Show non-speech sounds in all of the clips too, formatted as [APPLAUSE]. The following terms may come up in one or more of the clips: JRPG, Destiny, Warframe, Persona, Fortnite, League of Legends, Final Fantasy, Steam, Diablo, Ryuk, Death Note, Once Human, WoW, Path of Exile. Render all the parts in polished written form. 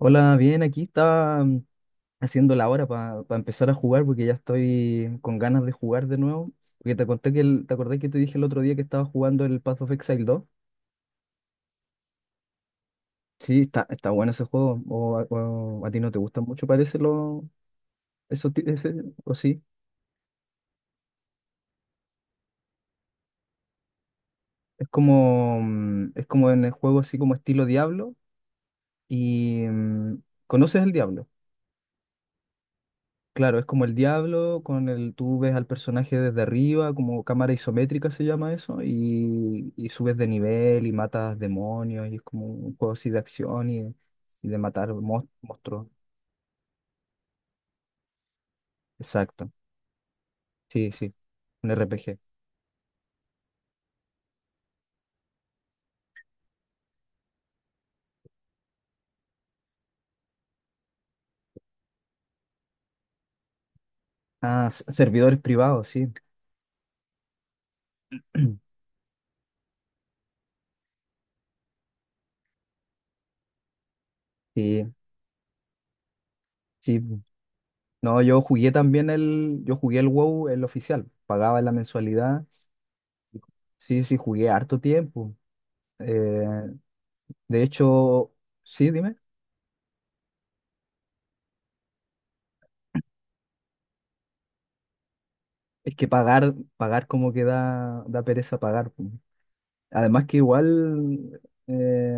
Hola, bien, aquí estaba haciendo la hora para empezar a jugar porque ya estoy con ganas de jugar de nuevo. Porque te conté que te acordé que te dije el otro día que estaba jugando el Path of Exile 2. Sí, está bueno ese juego. O, a ti no te gusta mucho, parece lo, eso, o sí. Es como, en el juego así como estilo Diablo. Y ¿conoces el Diablo? Claro, es como el Diablo, con el, tú ves al personaje desde arriba, como cámara isométrica se llama eso, y subes de nivel y matas demonios, y es como un juego así de acción y de matar monstruos. Exacto, sí, sí, un RPG. Ah, servidores privados, sí. [CLEARS THROAT] Sí, sí. No, yo jugué también yo jugué el WoW, el oficial, pagaba la mensualidad. Sí, sí, jugué harto tiempo. Eh, de hecho, sí, dime. Es que pagar como que da pereza pagar, po. Además que igual eh,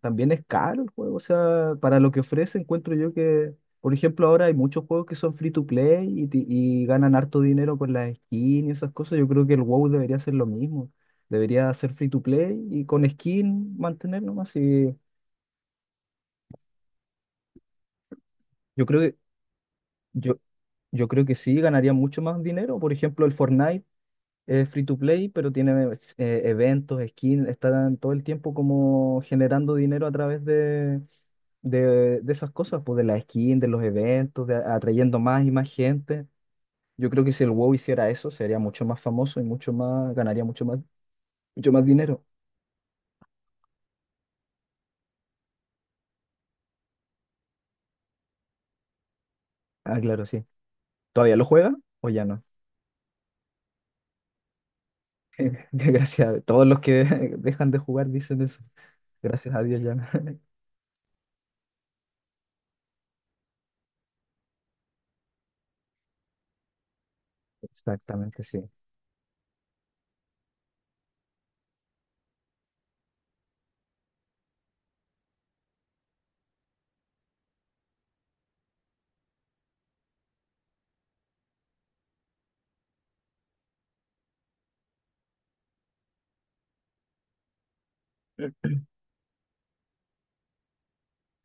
también es caro el juego. O sea, para lo que ofrece encuentro yo que, por ejemplo, ahora hay muchos juegos que son free to play y ganan harto dinero con las skins y esas cosas. Yo creo que el WoW debería ser lo mismo. Debería ser free to play y con skin mantener nomás. Y yo creo que, yo, yo creo que sí ganaría mucho más dinero. Por ejemplo, el Fortnite. Es free to play, pero tiene eventos, skins, están todo el tiempo como generando dinero a través de esas cosas, pues de las skins, de los eventos, de, atrayendo más y más gente. Yo creo que si el WoW hiciera eso, sería mucho más famoso y ganaría mucho más dinero. Ah, claro, sí. ¿Todavía lo juega o ya no? [LAUGHS] Gracias a todos los que [LAUGHS] dejan de jugar dicen eso. Gracias a Dios ya no. [LAUGHS] Exactamente, sí.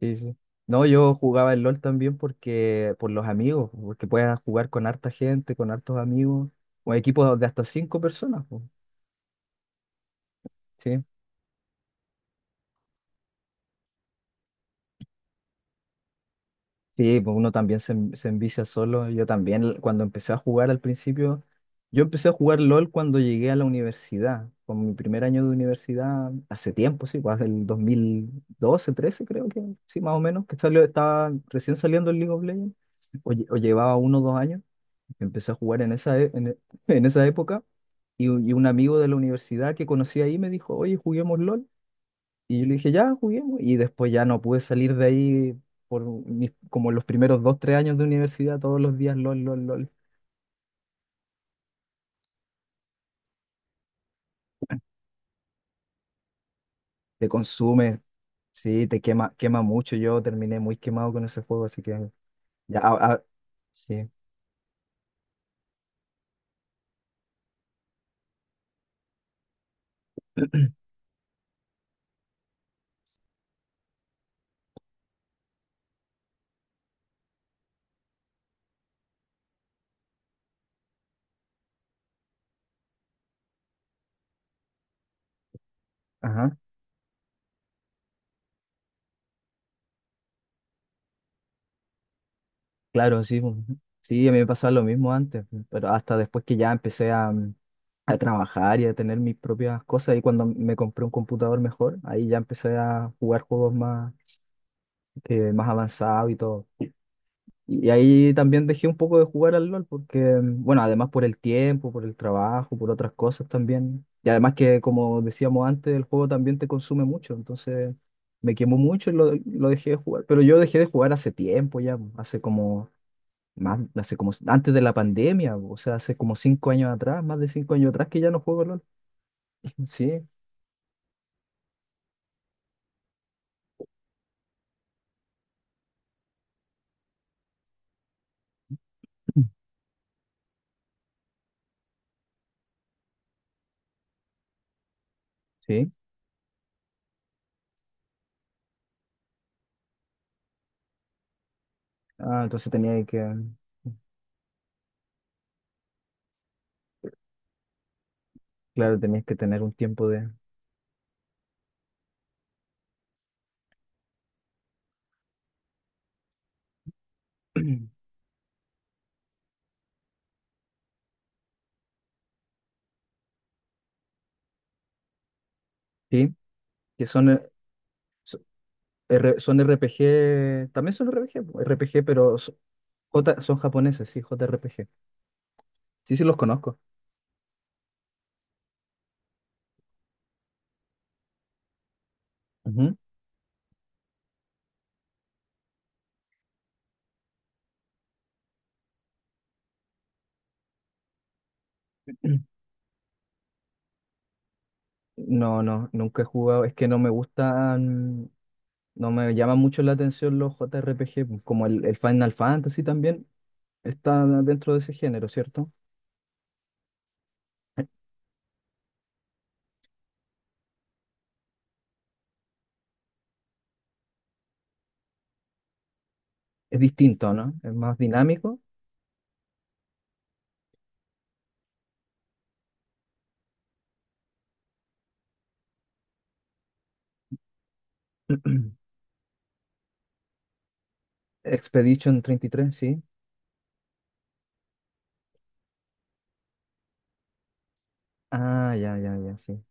Sí, sí. No, yo jugaba el LOL también porque por los amigos, porque puedes jugar con harta gente, con hartos amigos, o equipos de hasta cinco personas, po. Sí. Sí, pues uno también se envicia solo. Yo también cuando empecé a jugar al principio, yo empecé a jugar LOL cuando llegué a la universidad, con mi primer año de universidad, hace tiempo, sí, pues el 2012, 13 creo que, sí, más o menos, que salió, estaba recién saliendo el League of Legends, o, o llevaba 1 o 2 años. Empecé a jugar en esa, e- en, e- [LAUGHS] en esa época y un amigo de la universidad que conocí ahí me dijo, oye, juguemos LOL. Y yo le dije, ya, juguemos. Y después ya no pude salir de ahí por como los primeros 2, 3 años de universidad, todos los días LOL, LOL, LOL. Te consume, sí, te quema, quema mucho. Yo terminé muy quemado con ese juego, así que ya, sí. Ajá, claro, sí, pues. Sí, a mí me pasaba lo mismo antes, pero hasta después que ya empecé a trabajar y a tener mis propias cosas. Y cuando me compré un computador mejor, ahí ya empecé a jugar juegos más avanzados y todo. Y ahí también dejé un poco de jugar al LOL porque, bueno, además por el tiempo, por el trabajo, por otras cosas también. Y además que, como decíamos antes, el juego también te consume mucho. Entonces me quemó mucho y lo dejé de jugar. Pero yo dejé de jugar hace tiempo ya, hace como antes de la pandemia, o sea, hace como 5 años atrás, más de 5 años atrás que ya no juego LOL. [LAUGHS] Sí. Sí. Ah, entonces tenía que, claro, tenías que tener un tiempo de... [CLEARS THROAT] Sí, que son, so- son R P G, también son R P G, pero son japoneses, sí, J R P G. Sí, sí, los conozco. Ujú. [CLEARS THROAT] No, no, nunca he jugado, es que no me gustan, no me llaman mucho la atención los J R JRPG, po, como el Final Fantasy también está dentro de ese género, ¿cierto? Es distinto, ¿no? Es más dinámico. [CLEARS THROAT] Expedition 33, sí. Ah, ya, ya, ya, sí.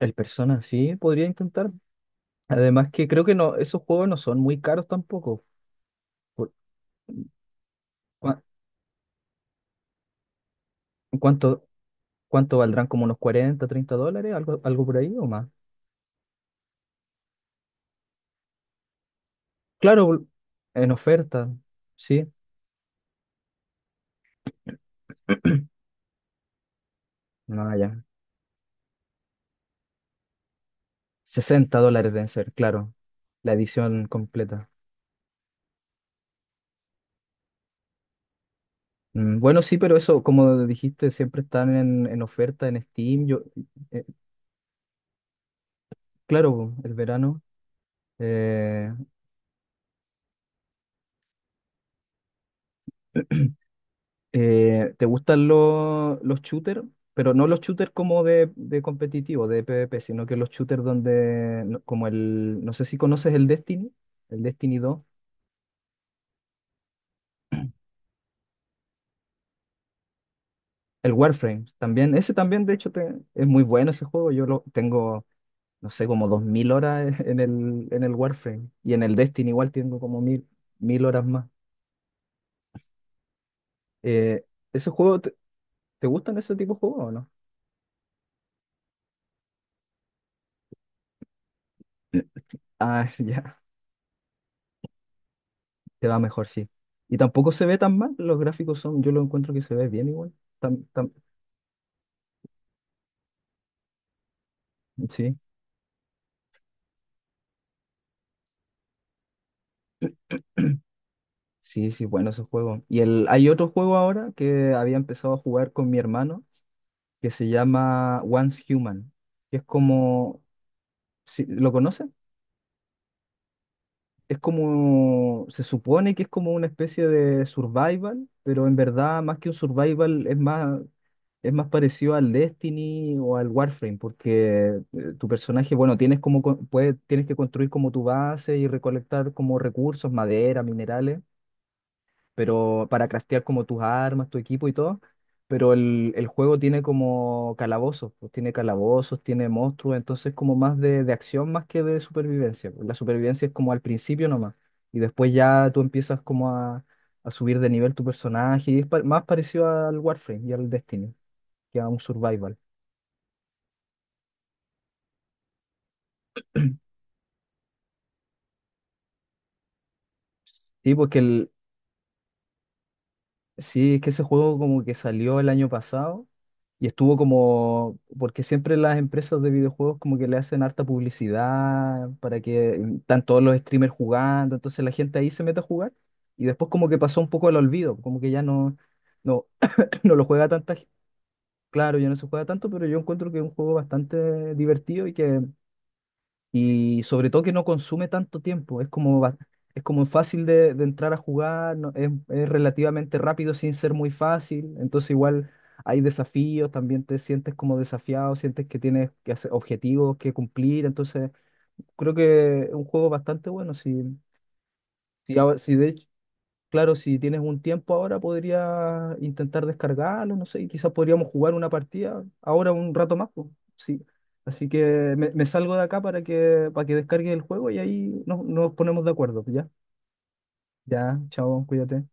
El Persona sí podría intentar. Además que creo que no, esos juegos no son muy caros tampoco. Por- ¿cua- ¿Cuánto, cuánto valdrán? ¿Como unos 40, 30 dólares? ¿Algo por ahí o más? Claro, en oferta, sí. [CLEARS THROAT] No, ya. $60 deben ser, claro. La edición completa. Bueno, sí, pero eso, como dijiste, siempre están en, oferta en Steam. Yo, eh, claro, el verano. eh, [CLEARS THROAT] ¿te gustan los shooters? Pero no los shooters como de competitivo, de PvP, sino que los shooters donde, como el, no sé si conoces el Destiny, el Destiny 2, el Warframe, también, ese también de hecho es muy bueno ese juego, yo lo tengo, no sé, como 2.000 horas [LAUGHS] en el Warframe, y en el Destiny igual tengo como mil horas más. Eh, ¿Ese juego, te gustan ese tipo de juegos o no? [CLEARS THROAT] Ah, [LAUGHS] ya. Te va mejor, sí. Y tampoco se ve tan mal, los gráficos son, yo lo encuentro que se ve bien igual. Tam- tam- sí, sí, sí, bueno ese juego. Y el, hay otro juego ahora que había empezado a jugar con mi hermano, que se llama Once Human, que es como, si ¿lo conoces? Es como, se supone que es como una especie de survival, pero en verdad más que un survival es más parecido al Destiny o al Warframe, porque tu personaje, bueno, tienes como, tienes que construir como tu base y recolectar como recursos, madera, minerales, pero para craftear como tus armas, tu equipo y todo. Pero el juego tiene como calabozos, pues tiene calabozos, tiene monstruos, entonces como más de acción más que de supervivencia, pues. La supervivencia es como al principio nomás, y después ya tú empiezas como a subir de nivel tu personaje, y es más parecido al Warframe y al Destiny, que a un survival. Sí, porque el... Sí, es que ese juego como que salió el año pasado y estuvo como, porque siempre las empresas de videojuegos como que le hacen harta publicidad para que están todos los streamers jugando, entonces la gente ahí se mete a jugar y después como que pasó un poco al olvido, como que ya no, [CLEARS THROAT] no lo juega tanta gente, claro, ya no se juega tanto, pero yo encuentro que es un juego bastante divertido y que y sobre todo que no consume tanto tiempo, es como, es como fácil de entrar a jugar, es relativamente rápido sin ser muy fácil, entonces igual hay desafíos, también te sientes como desafiado, sientes que tienes que hacer objetivos que cumplir, entonces creo que es un juego bastante bueno. Si, si, ahora- si de, Claro, si tienes un tiempo ahora, podría intentar descargarlo, no sé, y quizás podríamos jugar una partida ahora un rato más, pues, sí. Así que me salgo de acá para que descargue el juego y ahí nos, nos ponemos de acuerdo, ¿ya? Ya, chao, cuídate.